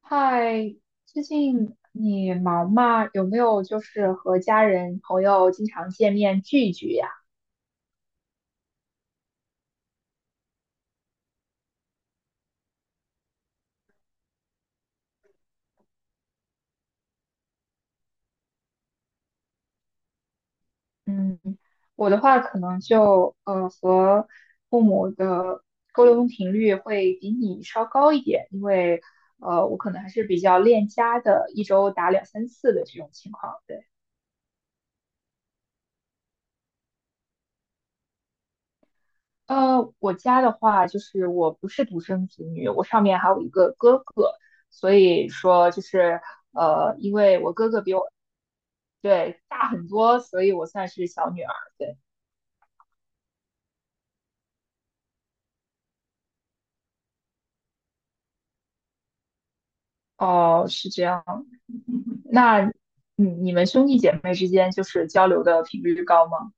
嗨，最近你忙吗？有没有就是和家人朋友经常见面聚一聚呀？嗯，我的话可能就和父母的沟通频率会比你稍高一点，因为我可能还是比较恋家的，一周打两三次的这种情况。对，我家的话就是我不是独生子女，我上面还有一个哥哥，所以说就是因为我哥哥比我。对，大很多，所以我算是小女儿。对，哦，是这样。那你们兄弟姐妹之间就是交流的频率高吗？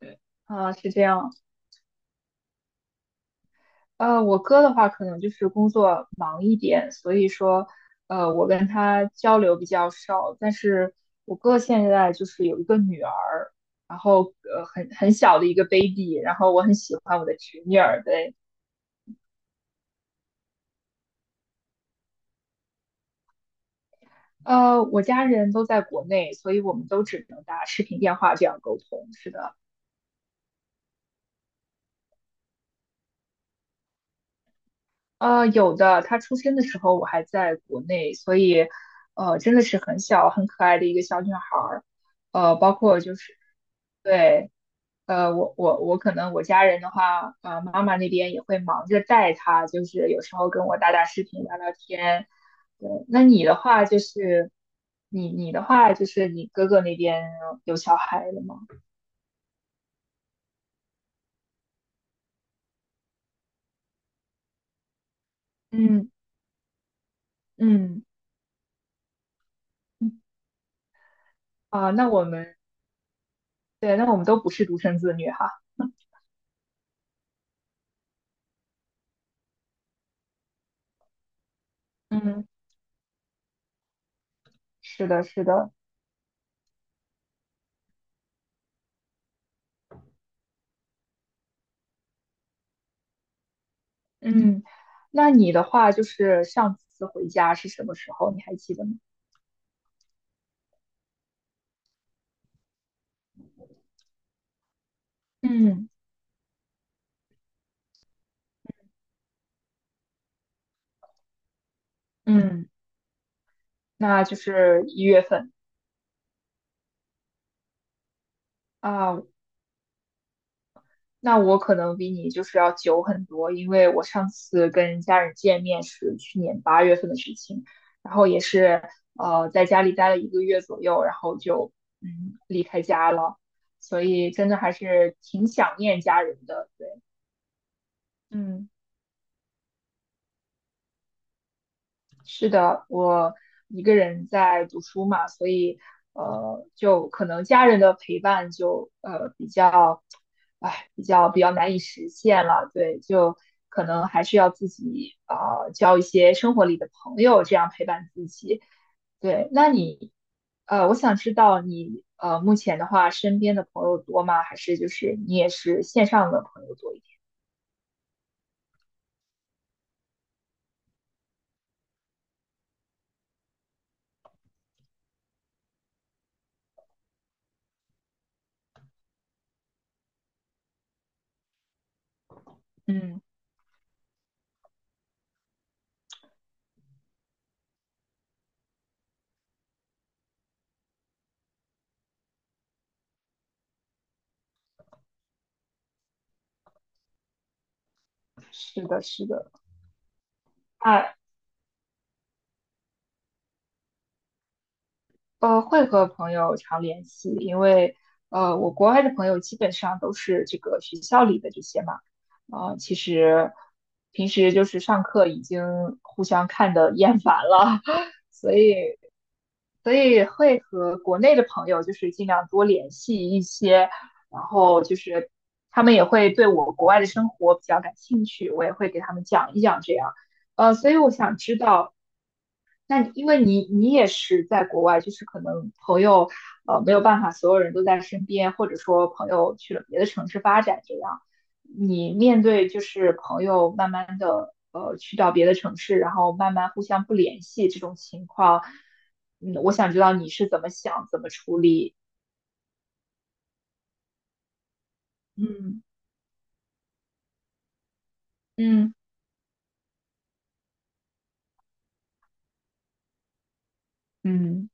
对，啊，是这样。我哥的话可能就是工作忙一点，所以说，我跟他交流比较少。但是我哥现在就是有一个女儿，然后很小的一个 baby，然后我很喜欢我的侄女儿，对，我家人都在国内，所以我们都只能打视频电话这样沟通。是的，有的，他出生的时候我还在国内，所以，真的是很小很可爱的一个小女孩儿。包括就是对，我可能我家人的话，妈妈那边也会忙着带她，就是有时候跟我打打视频聊聊天。对，那你的话就是你哥哥那边有小孩了吗？嗯嗯。啊，那我们对，那我们都不是独生子女哈。嗯，是的，是的。嗯，那你的话就是上次回家是什么时候？你还记得吗？嗯嗯，那就是一月份啊。那我可能比你就是要久很多，因为我上次跟家人见面是去年八月份的事情，然后也是在家里待了一个月左右，然后就离开家了，所以真的还是挺想念家人的。对，嗯，是的，我一个人在读书嘛，所以就可能家人的陪伴就比较，哎，比较难以实现了。对，就可能还是要自己交一些生活里的朋友，这样陪伴自己。对，那你我想知道你目前的话，身边的朋友多吗？还是就是你也是线上的朋友多一点？嗯，是的，是的。那会和朋友常联系，因为我国外的朋友基本上都是这个学校里的这些嘛，其实平时就是上课已经互相看得厌烦了，所以会和国内的朋友就是尽量多联系一些，然后就是他们也会对我国外的生活比较感兴趣，我也会给他们讲一讲这样，所以我想知道。那你因为你也是在国外，就是可能朋友没有办法，所有人都在身边，或者说朋友去了别的城市发展这样，你面对就是朋友慢慢的去到别的城市，然后慢慢互相不联系这种情况，嗯，我想知道你是怎么想，怎么处理。嗯嗯嗯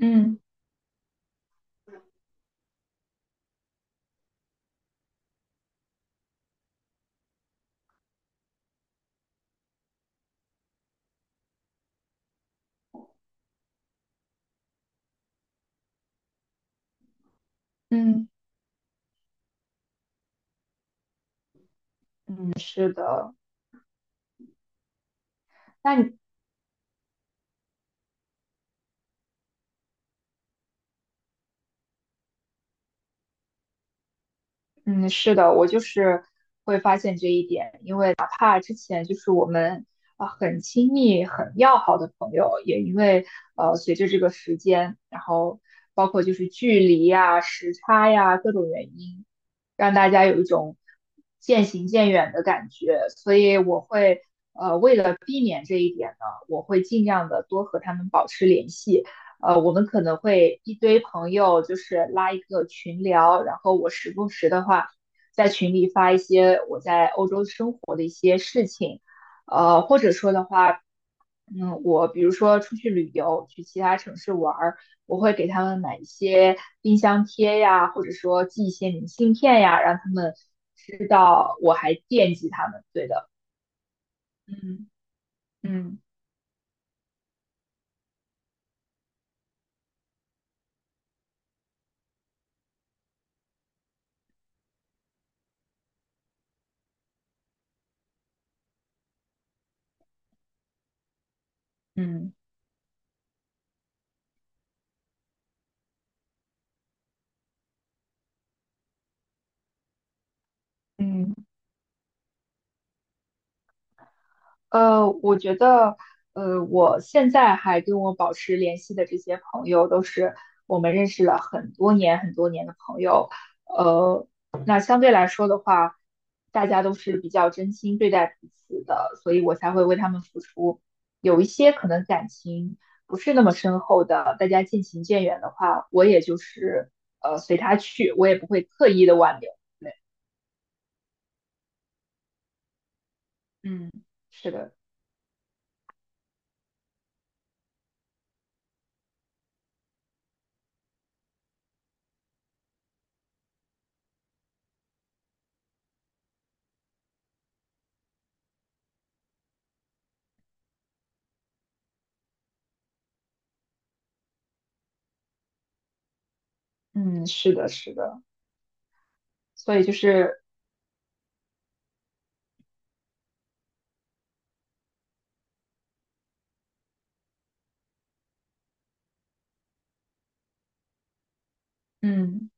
嗯嗯嗯，嗯，是的。那你嗯，是的，我就是会发现这一点，因为哪怕之前就是我们啊、很亲密、很要好的朋友，也因为随着这个时间，然后包括就是距离呀、时差呀各种原因，让大家有一种渐行渐远的感觉。所以我会为了避免这一点呢，我会尽量的多和他们保持联系。我们可能会一堆朋友就是拉一个群聊，然后我时不时的话在群里发一些我在欧洲生活的一些事情，或者说的话，我比如说出去旅游，去其他城市玩儿，我会给他们买一些冰箱贴呀，或者说寄一些明信片呀，让他们知道我还惦记他们。对的，嗯嗯嗯嗯。我觉得，我现在还跟我保持联系的这些朋友，都是我们认识了很多年、很多年的朋友。呃，那相对来说的话，大家都是比较真心对待彼此的，所以我才会为他们付出。有一些可能感情不是那么深厚的，大家渐行渐远的话，我也就是随他去，我也不会刻意的挽留。对，嗯，是的，嗯，是的，是的，所以就是，嗯。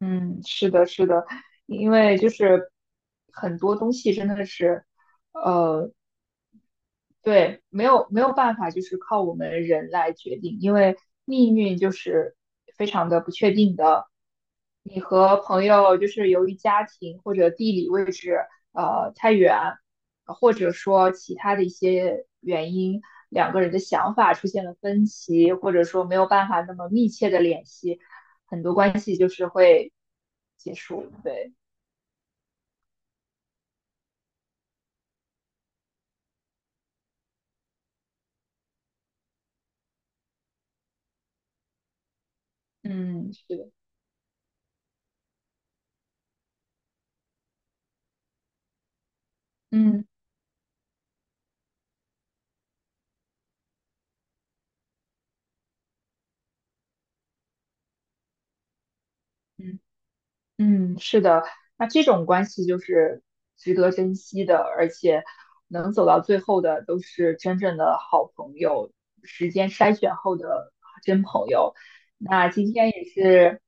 嗯，是的，是的，因为就是很多东西真的是，呃，对，没有办法，就是靠我们人来决定，因为命运就是非常的不确定的。你和朋友就是由于家庭或者地理位置太远，或者说其他的一些原因，两个人的想法出现了分歧，或者说没有办法那么密切的联系，很多关系就是会结束。对，嗯，是的，嗯。嗯。嗯，是的，那这种关系就是值得珍惜的，而且能走到最后的都是真正的好朋友，时间筛选后的真朋友。那今天也是，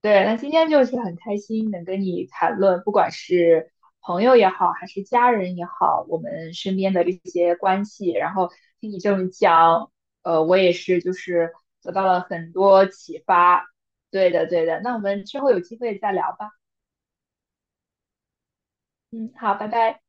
对，那今天就是很开心能跟你谈论，不管是朋友也好，还是家人也好，我们身边的这些关系，然后听你这么讲，我也是就是得到了很多启发。对的，对的，那我们之后有机会再聊吧。嗯，好，拜拜。